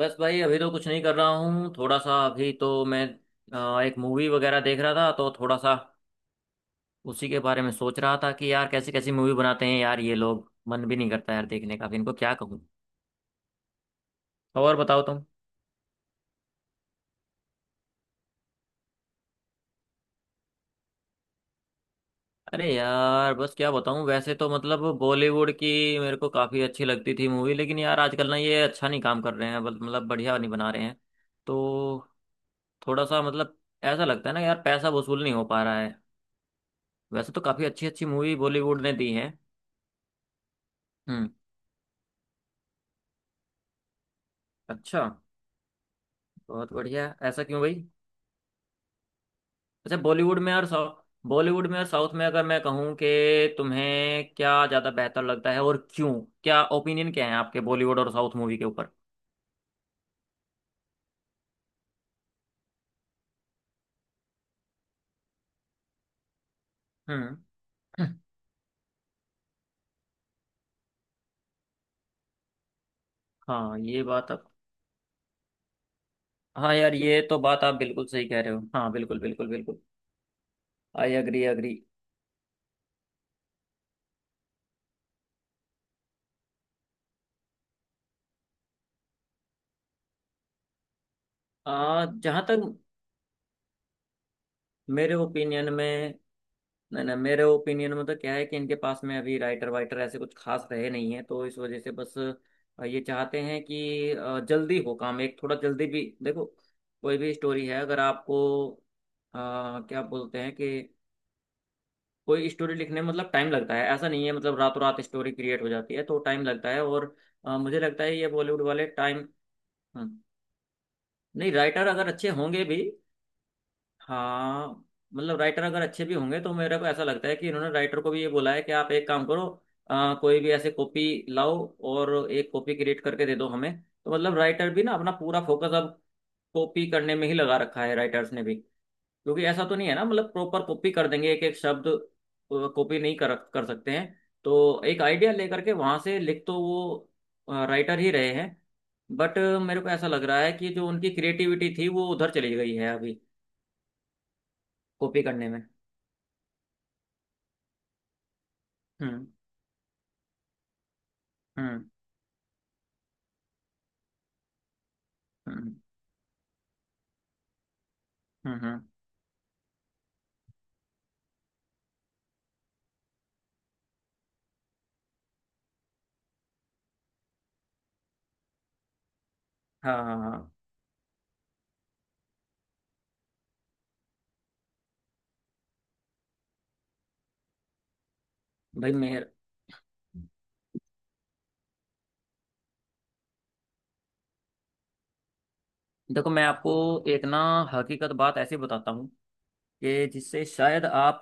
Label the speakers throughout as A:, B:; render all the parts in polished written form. A: बस भाई अभी तो कुछ नहीं कर रहा हूँ। थोड़ा सा अभी तो मैं एक मूवी वगैरह देख रहा था। तो थोड़ा सा उसी के बारे में सोच रहा था कि यार कैसी कैसी मूवी बनाते हैं यार ये लोग। मन भी नहीं करता यार देखने का, अब इनको क्या कहूँ। और बताओ तुम। अरे यार बस क्या बताऊँ, वैसे तो मतलब बॉलीवुड की मेरे को काफ़ी अच्छी लगती थी मूवी, लेकिन यार आजकल ना ये अच्छा नहीं काम कर रहे हैं, मतलब बढ़िया नहीं बना रहे हैं। तो थोड़ा सा मतलब ऐसा लगता है ना यार, पैसा वसूल नहीं हो पा रहा है। वैसे तो काफ़ी अच्छी अच्छी मूवी बॉलीवुड ने दी है। हम्म। अच्छा, बहुत बढ़िया, ऐसा क्यों भाई। अच्छा बॉलीवुड में और साउथ, बॉलीवुड में और साउथ में अगर मैं कहूँ कि तुम्हें क्या ज़्यादा बेहतर लगता है और क्यों। क्या ओपिनियन क्या है आपके बॉलीवुड और साउथ मूवी के ऊपर। हम्म। हाँ ये बात आप। हाँ यार, ये तो बात आप बिल्कुल सही कह रहे हो। हाँ बिल्कुल बिल्कुल बिल्कुल। I agree agree. आ जहाँ तक मेरे ओपिनियन में, नहीं नहीं, मेरे ओपिनियन में तो क्या है कि इनके पास में अभी राइटर वाइटर ऐसे कुछ खास रहे नहीं है, तो इस वजह से बस ये चाहते हैं कि जल्दी हो काम, एक थोड़ा जल्दी भी देखो। कोई भी स्टोरी है अगर आपको अ, क्या बोलते हैं कि कोई स्टोरी लिखने में मतलब टाइम लगता है, ऐसा नहीं है मतलब रातों रात स्टोरी क्रिएट हो जाती है, तो टाइम लगता है। और मुझे लगता है ये बॉलीवुड वाले टाइम, नहीं राइटर अगर अच्छे होंगे भी, हाँ मतलब राइटर अगर अच्छे भी होंगे तो मेरे को ऐसा लगता है कि इन्होंने राइटर को भी ये बोला है कि आप एक काम करो, कोई भी ऐसे कॉपी लाओ और एक कॉपी क्रिएट करके दे दो हमें। तो मतलब राइटर भी ना अपना पूरा फोकस अब कॉपी करने में ही लगा रखा है, राइटर्स ने भी। क्योंकि ऐसा तो नहीं है ना मतलब प्रॉपर कॉपी कर देंगे एक एक शब्द, कॉपी नहीं कर कर सकते हैं। तो एक आइडिया लेकर के वहां से लिख तो वो राइटर ही रहे हैं। बट मेरे को ऐसा लग रहा है कि जो उनकी क्रिएटिविटी थी वो उधर चली गई है अभी, कॉपी करने में। हम्म। हम्म। हम्म। हम्म। हाँ हाँ हाँ। हाँ। भाई मेर देखो मैं आपको एक ना हकीकत बात ऐसी बताता हूँ, कि जिससे शायद आप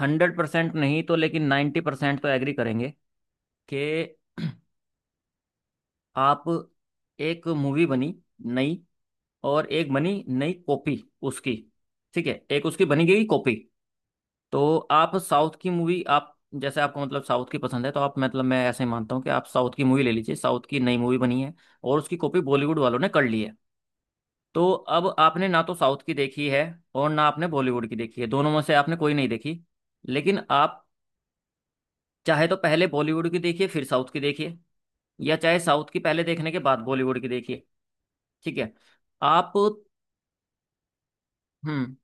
A: 100% नहीं तो लेकिन 90% तो एग्री करेंगे, कि आप एक मूवी बनी नई, और एक बनी नई कॉपी उसकी, ठीक है, एक उसकी बनी गई कॉपी। तो आप साउथ की मूवी आप, जैसे आपको मतलब साउथ की पसंद है, तो आप मतलब मैं ऐसे ही मानता हूँ कि आप साउथ की मूवी ले लीजिए, साउथ की नई मूवी बनी है और उसकी कॉपी बॉलीवुड वालों ने कर ली है। तो अब आपने ना तो साउथ की देखी है और ना आपने बॉलीवुड की देखी है, दोनों में से आपने कोई नहीं देखी। लेकिन आप चाहे तो पहले बॉलीवुड की देखिए फिर साउथ की देखिए, या चाहे साउथ की पहले देखने के बाद बॉलीवुड की देखिए। ठीक है। आप। हम्म।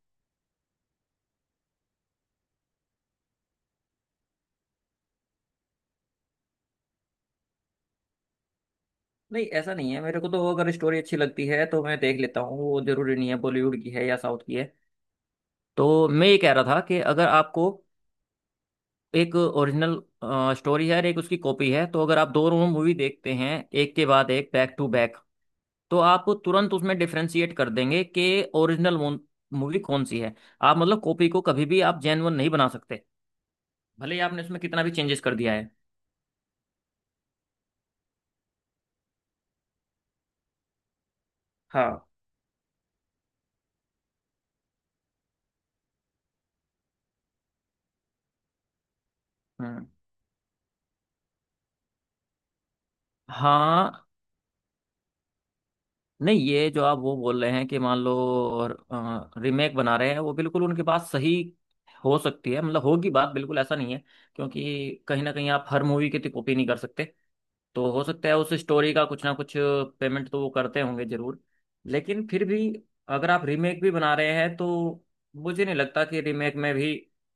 A: नहीं ऐसा नहीं है, मेरे को तो अगर स्टोरी अच्छी लगती है तो मैं देख लेता हूँ, वो जरूरी नहीं है बॉलीवुड की है या साउथ की है। तो मैं ये कह रहा था कि अगर आपको एक ओरिजिनल स्टोरी है और एक उसकी कॉपी है, तो अगर आप दोनों मूवी देखते हैं, एक के बाद एक, बैक टू बैक, तो आप तुरंत उसमें डिफ्रेंशिएट कर देंगे कि ओरिजिनल मूवी कौन सी है। आप मतलब कॉपी को कभी भी आप जेन्युइन नहीं बना सकते, भले ही आपने उसमें कितना भी चेंजेस कर दिया है। हाँ। हम्म। हाँ। नहीं ये जो आप वो बोल रहे हैं कि मान लो रीमेक बना रहे हैं, वो बिल्कुल उनके पास सही हो सकती है, मतलब होगी बात, बिल्कुल ऐसा नहीं है, क्योंकि कहीं ना कहीं आप हर मूवी की तो कॉपी नहीं कर सकते। तो हो सकता है उस स्टोरी का कुछ ना कुछ पेमेंट तो वो करते होंगे जरूर, लेकिन फिर भी अगर आप रीमेक भी बना रहे हैं, तो मुझे नहीं लगता कि रीमेक में भी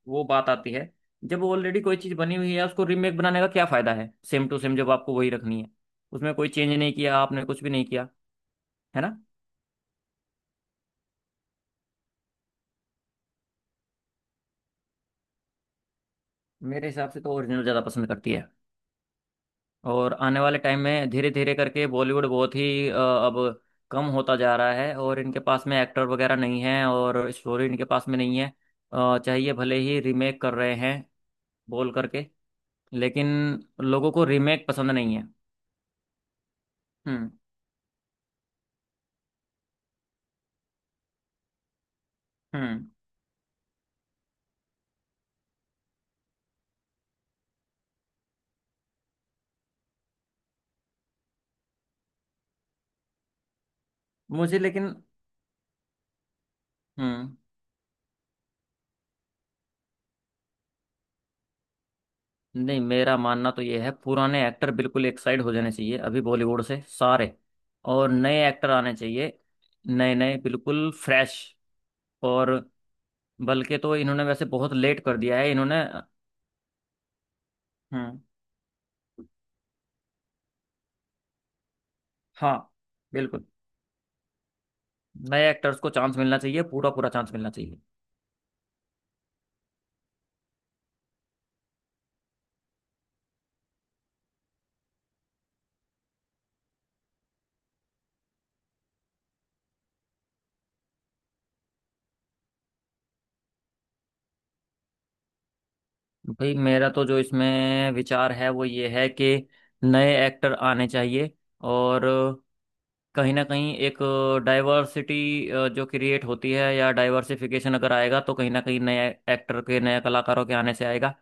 A: वो बात आती है। जब ऑलरेडी कोई चीज़ बनी हुई है, उसको रीमेक बनाने का क्या फ़ायदा है, सेम टू सेम जब आपको वही रखनी है, उसमें कोई चेंज नहीं किया आपने, कुछ भी नहीं किया, है ना। मेरे हिसाब से तो ओरिजिनल ज़्यादा पसंद करती है। और आने वाले टाइम में धीरे धीरे करके बॉलीवुड बहुत ही अब कम होता जा रहा है, और इनके पास में एक्टर वगैरह नहीं है और स्टोरी इनके पास में नहीं है, चाहिए भले ही रीमेक कर रहे हैं बोल करके, लेकिन लोगों को रीमेक पसंद नहीं है। हम्म। हम्म। मुझे लेकिन। हम्म। नहीं मेरा मानना तो ये है, पुराने एक्टर बिल्कुल एक साइड हो जाने चाहिए अभी बॉलीवुड से सारे, और नए एक्टर आने चाहिए, नए नए बिल्कुल फ्रेश, और बल्कि तो इन्होंने वैसे बहुत लेट कर दिया है इन्होंने। हम्म। हाँ। बिल्कुल। नए एक्टर्स को चांस मिलना चाहिए, पूरा पूरा चांस मिलना चाहिए। भाई मेरा तो जो इसमें विचार है वो ये है कि नए एक्टर आने चाहिए, और कहीं ना कहीं एक डाइवर्सिटी जो क्रिएट होती है, या डाइवर्सिफिकेशन अगर आएगा, तो कहीं ना कहीं नए एक्टर के, नए कलाकारों के आने से आएगा।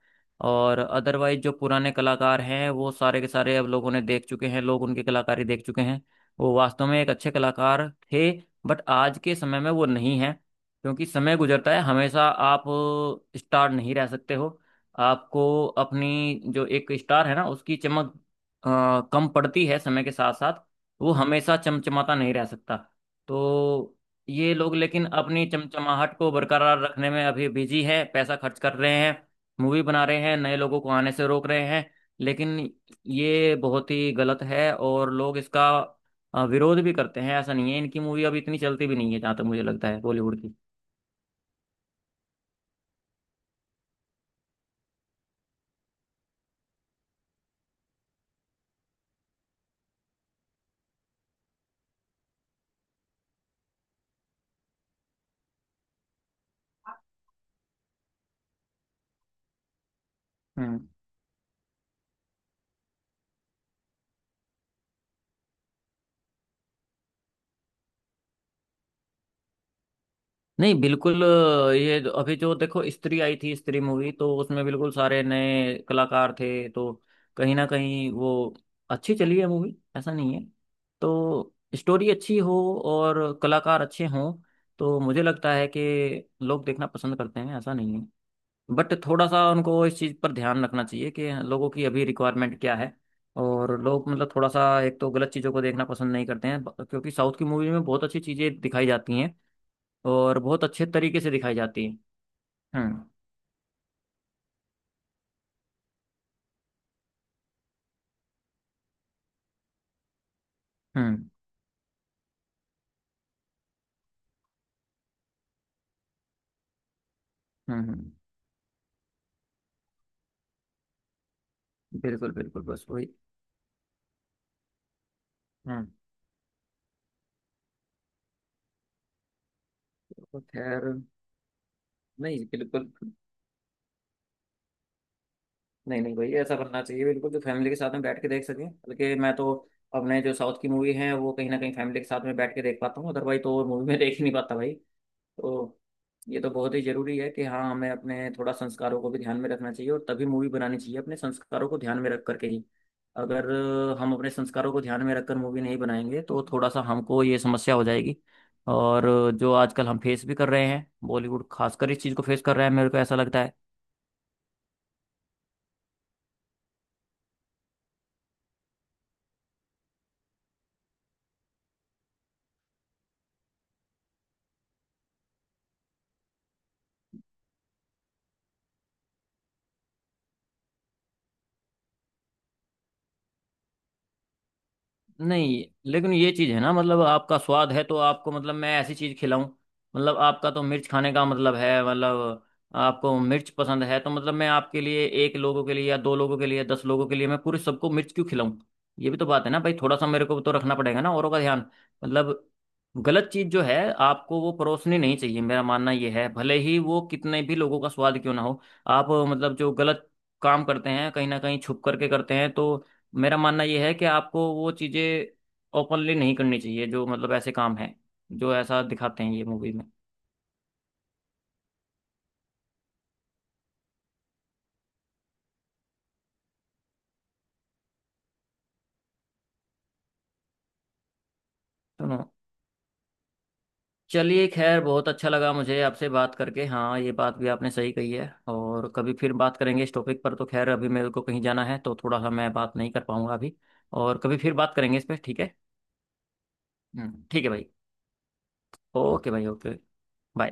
A: और अदरवाइज जो पुराने कलाकार हैं वो सारे के सारे अब लोगों ने देख चुके हैं, लोग उनकी कलाकारी देख चुके हैं। वो वास्तव में एक अच्छे कलाकार थे, बट आज के समय में वो नहीं है, क्योंकि समय गुजरता है। हमेशा आप स्टार नहीं रह सकते हो, आपको अपनी जो एक स्टार है ना उसकी चमक कम पड़ती है समय के साथ साथ। वो हमेशा चमचमाता नहीं रह सकता। तो ये लोग लेकिन अपनी चमचमाहट को बरकरार रखने में अभी बिजी है, पैसा खर्च कर रहे हैं, मूवी बना रहे हैं, नए लोगों को आने से रोक रहे हैं, लेकिन ये बहुत ही गलत है। और लोग इसका विरोध भी करते हैं, ऐसा नहीं है इनकी मूवी अब इतनी चलती भी नहीं है जहाँ तक मुझे लगता है बॉलीवुड की। नहीं बिल्कुल अभी जो देखो स्त्री आई थी, स्त्री मूवी, तो उसमें बिल्कुल सारे नए कलाकार थे, तो कहीं ना कहीं वो अच्छी चली है मूवी, ऐसा नहीं है। तो स्टोरी अच्छी हो और कलाकार अच्छे हों, तो मुझे लगता है कि लोग देखना पसंद करते हैं, ऐसा नहीं है। बट थोड़ा सा उनको इस चीज़ पर ध्यान रखना चाहिए कि लोगों की अभी रिक्वायरमेंट क्या है, और लोग मतलब थोड़ा सा एक तो गलत चीज़ों को देखना पसंद नहीं करते हैं, क्योंकि साउथ की मूवी में बहुत अच्छी चीज़ें दिखाई जाती हैं, और बहुत अच्छे तरीके से दिखाई जाती है। हम्म। हम्म। हम्म। बिल्कुल बिल्कुल, बस वही। हम्म। तो खैर, नहीं बिल्कुल, नहीं नहीं भाई ऐसा करना चाहिए बिल्कुल, जो फैमिली के साथ में बैठ के देख सकें, बल्कि मैं तो अपने जो साउथ की मूवी है वो कहीं ना कहीं फैमिली के साथ में बैठ के देख पाता हूँ, अदरवाइज तो मूवी में देख ही नहीं पाता भाई। तो ये तो बहुत ही जरूरी है कि हाँ, हमें अपने थोड़ा संस्कारों को भी ध्यान में रखना चाहिए, और तभी मूवी बनानी चाहिए, अपने संस्कारों को ध्यान में रख करके ही। अगर हम अपने संस्कारों को ध्यान में रखकर मूवी नहीं बनाएंगे, तो थोड़ा सा हमको ये समस्या हो जाएगी, और जो आजकल हम फेस भी कर रहे हैं, बॉलीवुड खासकर इस चीज़ को फेस कर रहा है, मेरे को ऐसा लगता है। नहीं, लेकिन ये चीज है ना मतलब आपका स्वाद है, तो आपको मतलब मैं ऐसी चीज खिलाऊं, मतलब आपका तो मिर्च खाने का मतलब है, मतलब आपको मिर्च पसंद है, तो मतलब मैं आपके लिए, एक लोगों के लिए या दो लोगों के लिए 10 लोगों के लिए मैं पूरे सबको मिर्च क्यों खिलाऊं। ये भी तो बात है ना भाई, थोड़ा सा मेरे को तो रखना पड़ेगा ना औरों का ध्यान, मतलब गलत चीज जो है आपको वो परोसनी नहीं चाहिए, मेरा मानना ये है, भले ही वो कितने भी लोगों का स्वाद क्यों ना हो। आप मतलब जो गलत काम करते हैं कहीं ना कहीं छुप करके करते हैं, तो मेरा मानना यह है कि आपको वो चीज़ें ओपनली नहीं करनी चाहिए, जो मतलब ऐसे काम हैं जो ऐसा दिखाते हैं ये मूवी में। सुनो, चलिए खैर, बहुत अच्छा लगा मुझे आपसे बात करके, हाँ ये बात भी आपने सही कही है, और कभी फिर बात करेंगे इस टॉपिक पर, तो खैर अभी मेरे को कहीं जाना है, तो थोड़ा सा मैं बात नहीं कर पाऊंगा अभी, और कभी फिर बात करेंगे इस पर, ठीक है। ठीक है भाई। ओके भाई ओके। बाय।